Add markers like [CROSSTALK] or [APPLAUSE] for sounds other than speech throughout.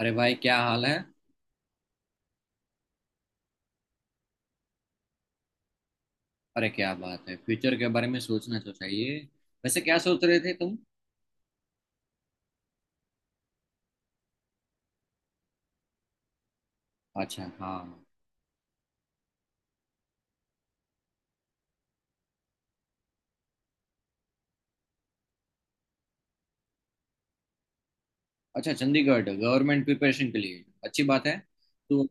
अरे भाई क्या हाल है। अरे क्या बात है, फ्यूचर के बारे में सोचना तो चाहिए। वैसे क्या सोच रहे थे तुम। अच्छा हाँ। अच्छा, चंडीगढ़ गवर्नमेंट प्रिपरेशन के लिए अच्छी बात है। तो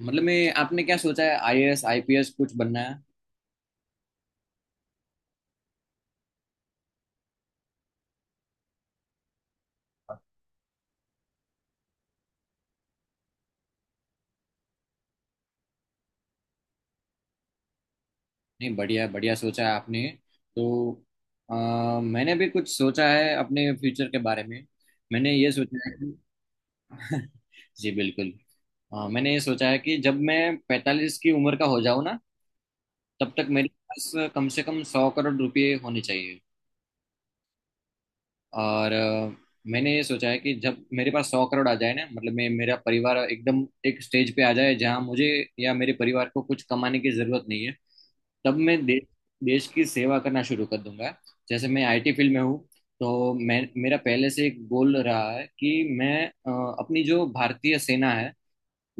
मतलब मैं आपने क्या सोचा है, आईएएस आईपीएस कुछ बनना है। नहीं, बढ़िया बढ़िया सोचा है आपने। तो अ, मैंने भी कुछ सोचा है अपने फ्यूचर के बारे में। मैंने ये सोचा है कि [LAUGHS] जी बिल्कुल। मैंने ये सोचा है कि जब मैं 45 की उम्र का हो जाऊँ ना, तब तक मेरे पास कम से कम 100 करोड़ रुपए होने चाहिए। और मैंने ये सोचा है कि जब मेरे पास 100 करोड़ आ जाए ना, मतलब मैं मेरा परिवार एकदम एक स्टेज पे आ जाए जहाँ मुझे या मेरे परिवार को कुछ कमाने की जरूरत नहीं है, तब मैं देश देश की सेवा करना शुरू कर दूंगा। जैसे मैं आईटी फील्ड में हूँ, तो मैं मेरा पहले से एक गोल रहा है कि मैं अपनी जो भारतीय सेना है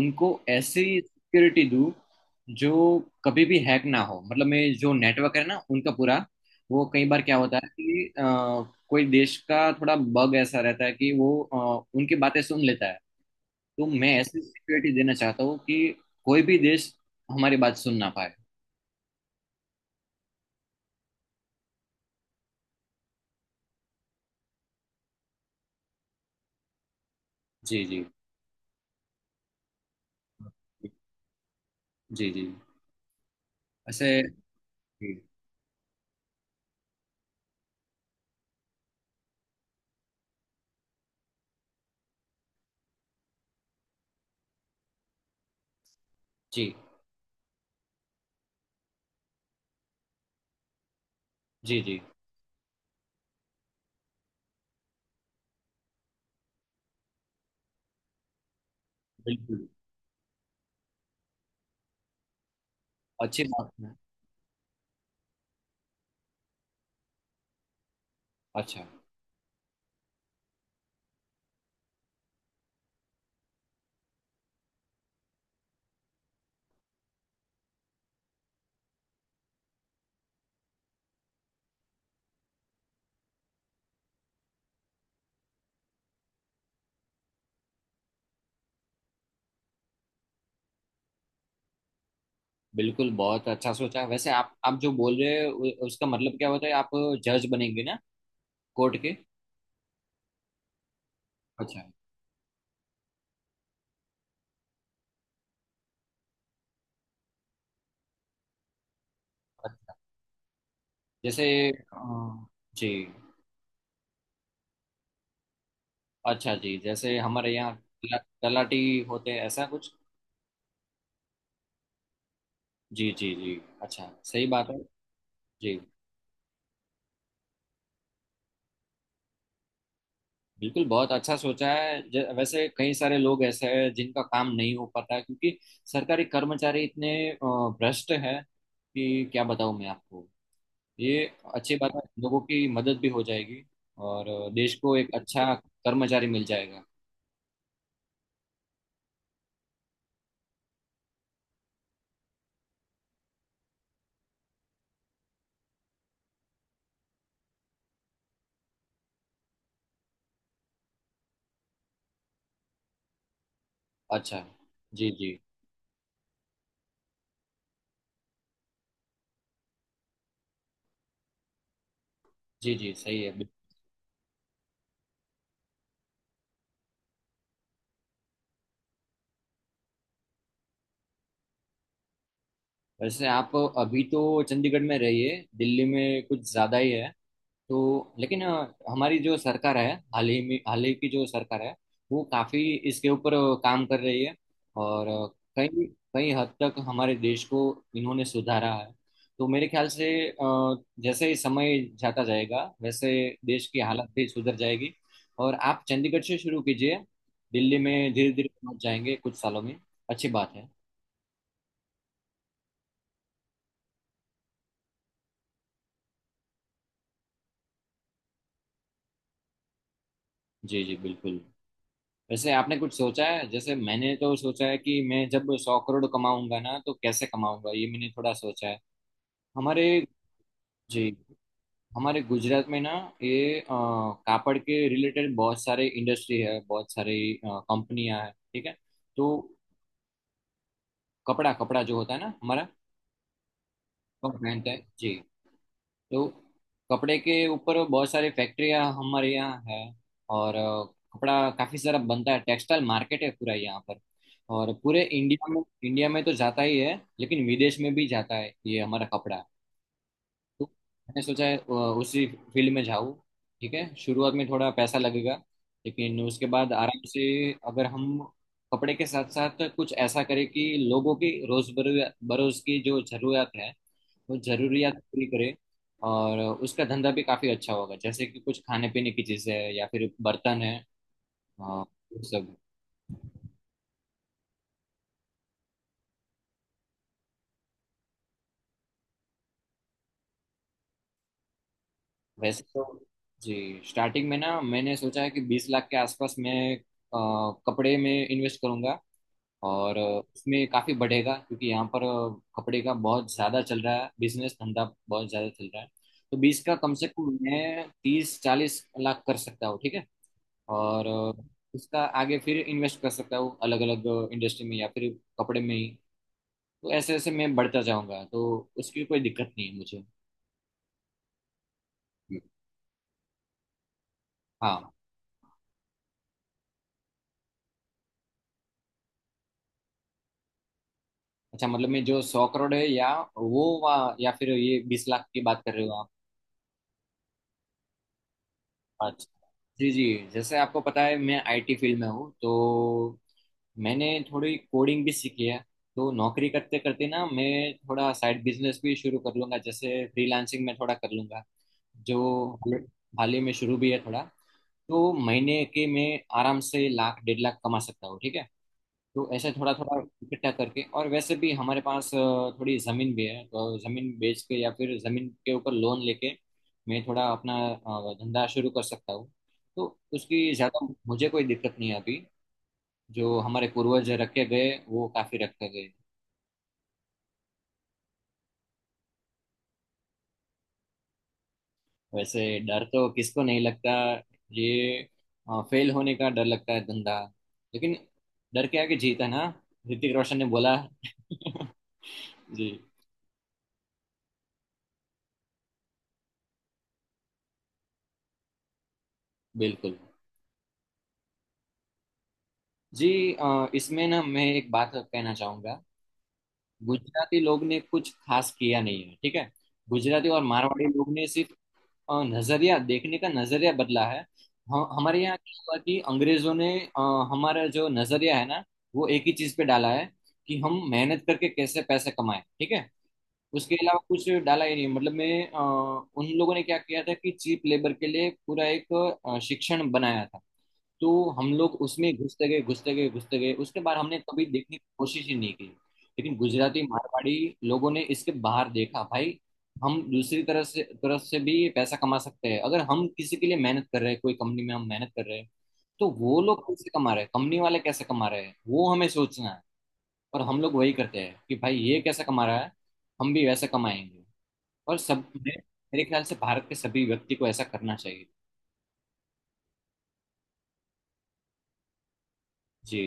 उनको ऐसी सिक्योरिटी दूं जो कभी भी हैक ना हो। मतलब मैं जो नेटवर्क है ना उनका पूरा, वो कई बार क्या होता है कि कोई देश का थोड़ा बग ऐसा रहता है कि वो उनकी बातें सुन लेता है। तो मैं ऐसी सिक्योरिटी देना चाहता हूँ कि कोई भी देश हमारी बात सुन ना पाए। जी जी जी जी ऐसे। जी जी जी जी बिल्कुल। अच्छी बात है। अच्छा। बिल्कुल बहुत अच्छा सोचा। वैसे आप जो बोल रहे हो उसका मतलब क्या होता है, आप जज बनेंगे ना, कोर्ट के। अच्छा। अच्छा जैसे अ, जी। अच्छा जी, जैसे हमारे यहाँ तलाटी होते हैं, ऐसा कुछ। जी जी जी। अच्छा सही बात है। जी। बिल्कुल बहुत अच्छा सोचा है। वैसे कई सारे लोग ऐसे हैं जिनका काम नहीं हो पाता है, क्योंकि सरकारी कर्मचारी इतने भ्रष्ट है कि क्या बताऊं मैं आपको। ये अच्छी बात है, लोगों की मदद भी हो जाएगी, और देश को एक अच्छा कर्मचारी मिल जाएगा। अच्छा। जी जी जी जी सही है। वैसे आप अभी तो चंडीगढ़ में रहिए, दिल्ली में कुछ ज़्यादा ही है। तो लेकिन हमारी जो सरकार है, हाल ही में हाल ही की जो सरकार है, वो काफ़ी इसके ऊपर काम कर रही है। और कई कई हद तक हमारे देश को इन्होंने सुधारा है। तो मेरे ख्याल से जैसे ही समय जाता जाएगा, वैसे देश की हालत भी सुधर जाएगी। और आप चंडीगढ़ से शुरू कीजिए, दिल्ली में धीरे धीरे पहुंच जाएंगे कुछ सालों में। अच्छी बात है। जी जी बिल्कुल। वैसे आपने कुछ सोचा है? जैसे मैंने तो सोचा है कि मैं जब सौ करोड़ कमाऊंगा ना, तो कैसे कमाऊंगा ये मैंने थोड़ा सोचा है। हमारे जी, हमारे गुजरात में ना ये कापड़ के रिलेटेड बहुत सारे इंडस्ट्री है, बहुत सारी कंपनियां हैं, ठीक है। तो कपड़ा कपड़ा जो होता है ना हमारा, वो पहनते हैं जी। तो कपड़े के ऊपर बहुत सारी फैक्ट्रियां हमारे यहाँ है, और कपड़ा काफी सारा बनता है, टेक्सटाइल मार्केट है पूरा यहाँ पर। और पूरे इंडिया में तो जाता ही है, लेकिन विदेश में भी जाता है ये हमारा कपड़ा। तो मैंने सोचा है उसी फील्ड में जाऊँ। ठीक है, शुरुआत में थोड़ा पैसा लगेगा लेकिन उसके बाद आराम से, अगर हम कपड़े के साथ साथ कुछ ऐसा करें कि लोगों की रोज बरोज की जो जरूरत है वो जरूरियात पूरी करें, और उसका धंधा भी काफी अच्छा होगा। जैसे कि कुछ खाने पीने की चीजें हैं या फिर बर्तन है, वो सब। वैसे तो जी स्टार्टिंग में ना मैंने सोचा है कि 20 लाख के आसपास मैं अ, कपड़े में इन्वेस्ट करूंगा। और इसमें काफी बढ़ेगा, क्योंकि यहाँ पर कपड़े का बहुत ज्यादा चल रहा है, बिजनेस धंधा बहुत ज्यादा चल रहा है। तो 20 का कम से कम मैं 30 40 लाख कर सकता हूँ, ठीक है। और उसका आगे फिर इन्वेस्ट कर सकता हूँ अलग अलग इंडस्ट्री में, या फिर कपड़े में ही। तो ऐसे ऐसे मैं बढ़ता जाऊंगा, तो उसकी कोई दिक्कत नहीं है मुझे। हाँ। अच्छा, मतलब मैं जो 100 करोड़ है या या फिर ये 20 लाख की बात कर रहे हो आप। अच्छा जी जी, जैसे आपको पता है मैं आईटी फील्ड में हूँ, तो मैंने थोड़ी कोडिंग भी सीखी है। तो नौकरी करते करते ना मैं थोड़ा साइड बिजनेस भी शुरू कर लूंगा, जैसे फ्रीलांसिंग में थोड़ा कर लूंगा, जो हाल हाल ही में शुरू भी है थोड़ा। तो महीने के मैं आराम से लाख डेढ़ लाख कमा सकता हूँ, ठीक है। तो ऐसे थोड़ा थोड़ा इकट्ठा करके, और वैसे भी हमारे पास थोड़ी जमीन भी है, तो जमीन बेच के या फिर जमीन के ऊपर लोन लेके मैं थोड़ा अपना धंधा शुरू कर सकता हूँ। तो उसकी ज्यादा मुझे कोई दिक्कत नहीं है अभी। जो हमारे पूर्वज रखे गए वो काफी रखे गए। वैसे डर तो किसको नहीं लगता। ये फेल होने का डर लगता है, धंधा। लेकिन डर के आगे जीत है ना, ऋतिक रोशन ने बोला। [LAUGHS] जी बिल्कुल। जी इसमें ना मैं एक बात कहना चाहूंगा, गुजराती लोग ने कुछ खास किया नहीं है, ठीक है। गुजराती और मारवाड़ी लोग ने सिर्फ नजरिया, देखने का नजरिया बदला है। हम हमारे यहाँ क्या हुआ कि अंग्रेजों ने हमारा जो नजरिया है ना वो एक ही चीज पे डाला है, कि हम मेहनत करके कैसे पैसे कमाएं, ठीक है। उसके अलावा कुछ डाला ही नहीं। मतलब मैं अ, उन लोगों ने क्या किया था कि चीप लेबर के लिए पूरा एक शिक्षण बनाया था। तो हम लोग उसमें घुसते गए उसके बाद हमने कभी देखने की कोशिश ही नहीं की। लेकिन गुजराती मारवाड़ी लोगों ने इसके बाहर देखा भाई, हम दूसरी तरह से तरफ से भी पैसा कमा सकते हैं। अगर हम किसी के लिए मेहनत कर रहे हैं, कोई कंपनी में हम मेहनत कर रहे हैं, तो वो लोग कैसे कमा रहे हैं, कंपनी वाले कैसे कमा रहे हैं, वो हमें सोचना है। और हम लोग वही करते हैं कि भाई ये कैसे कमा रहा है, हम भी वैसे कमाएंगे। और सब मेरे ख्याल से भारत के सभी व्यक्ति को ऐसा करना चाहिए। जी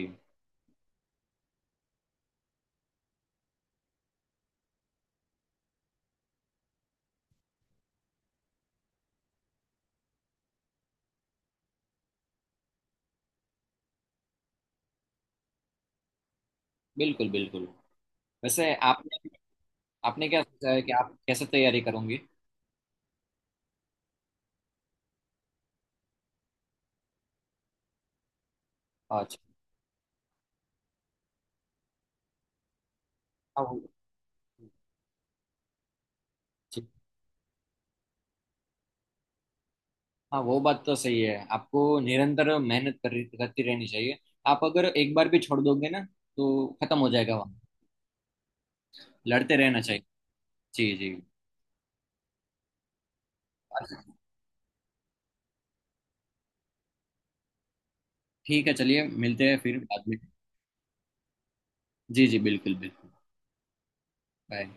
बिल्कुल बिल्कुल। वैसे आपने आपने क्या सोचा है कि आप कैसे तैयारी करूंगी। अच्छा हाँ वो जी, हाँ वो बात तो सही है, आपको निरंतर मेहनत कर करती रहनी चाहिए। आप अगर एक बार भी छोड़ दोगे ना, तो खत्म हो जाएगा वहाँ। लड़ते रहना चाहिए। जी जी। ठीक है, चलिए मिलते हैं फिर बाद में। जी जी बिल्कुल बिल्कुल। बाय।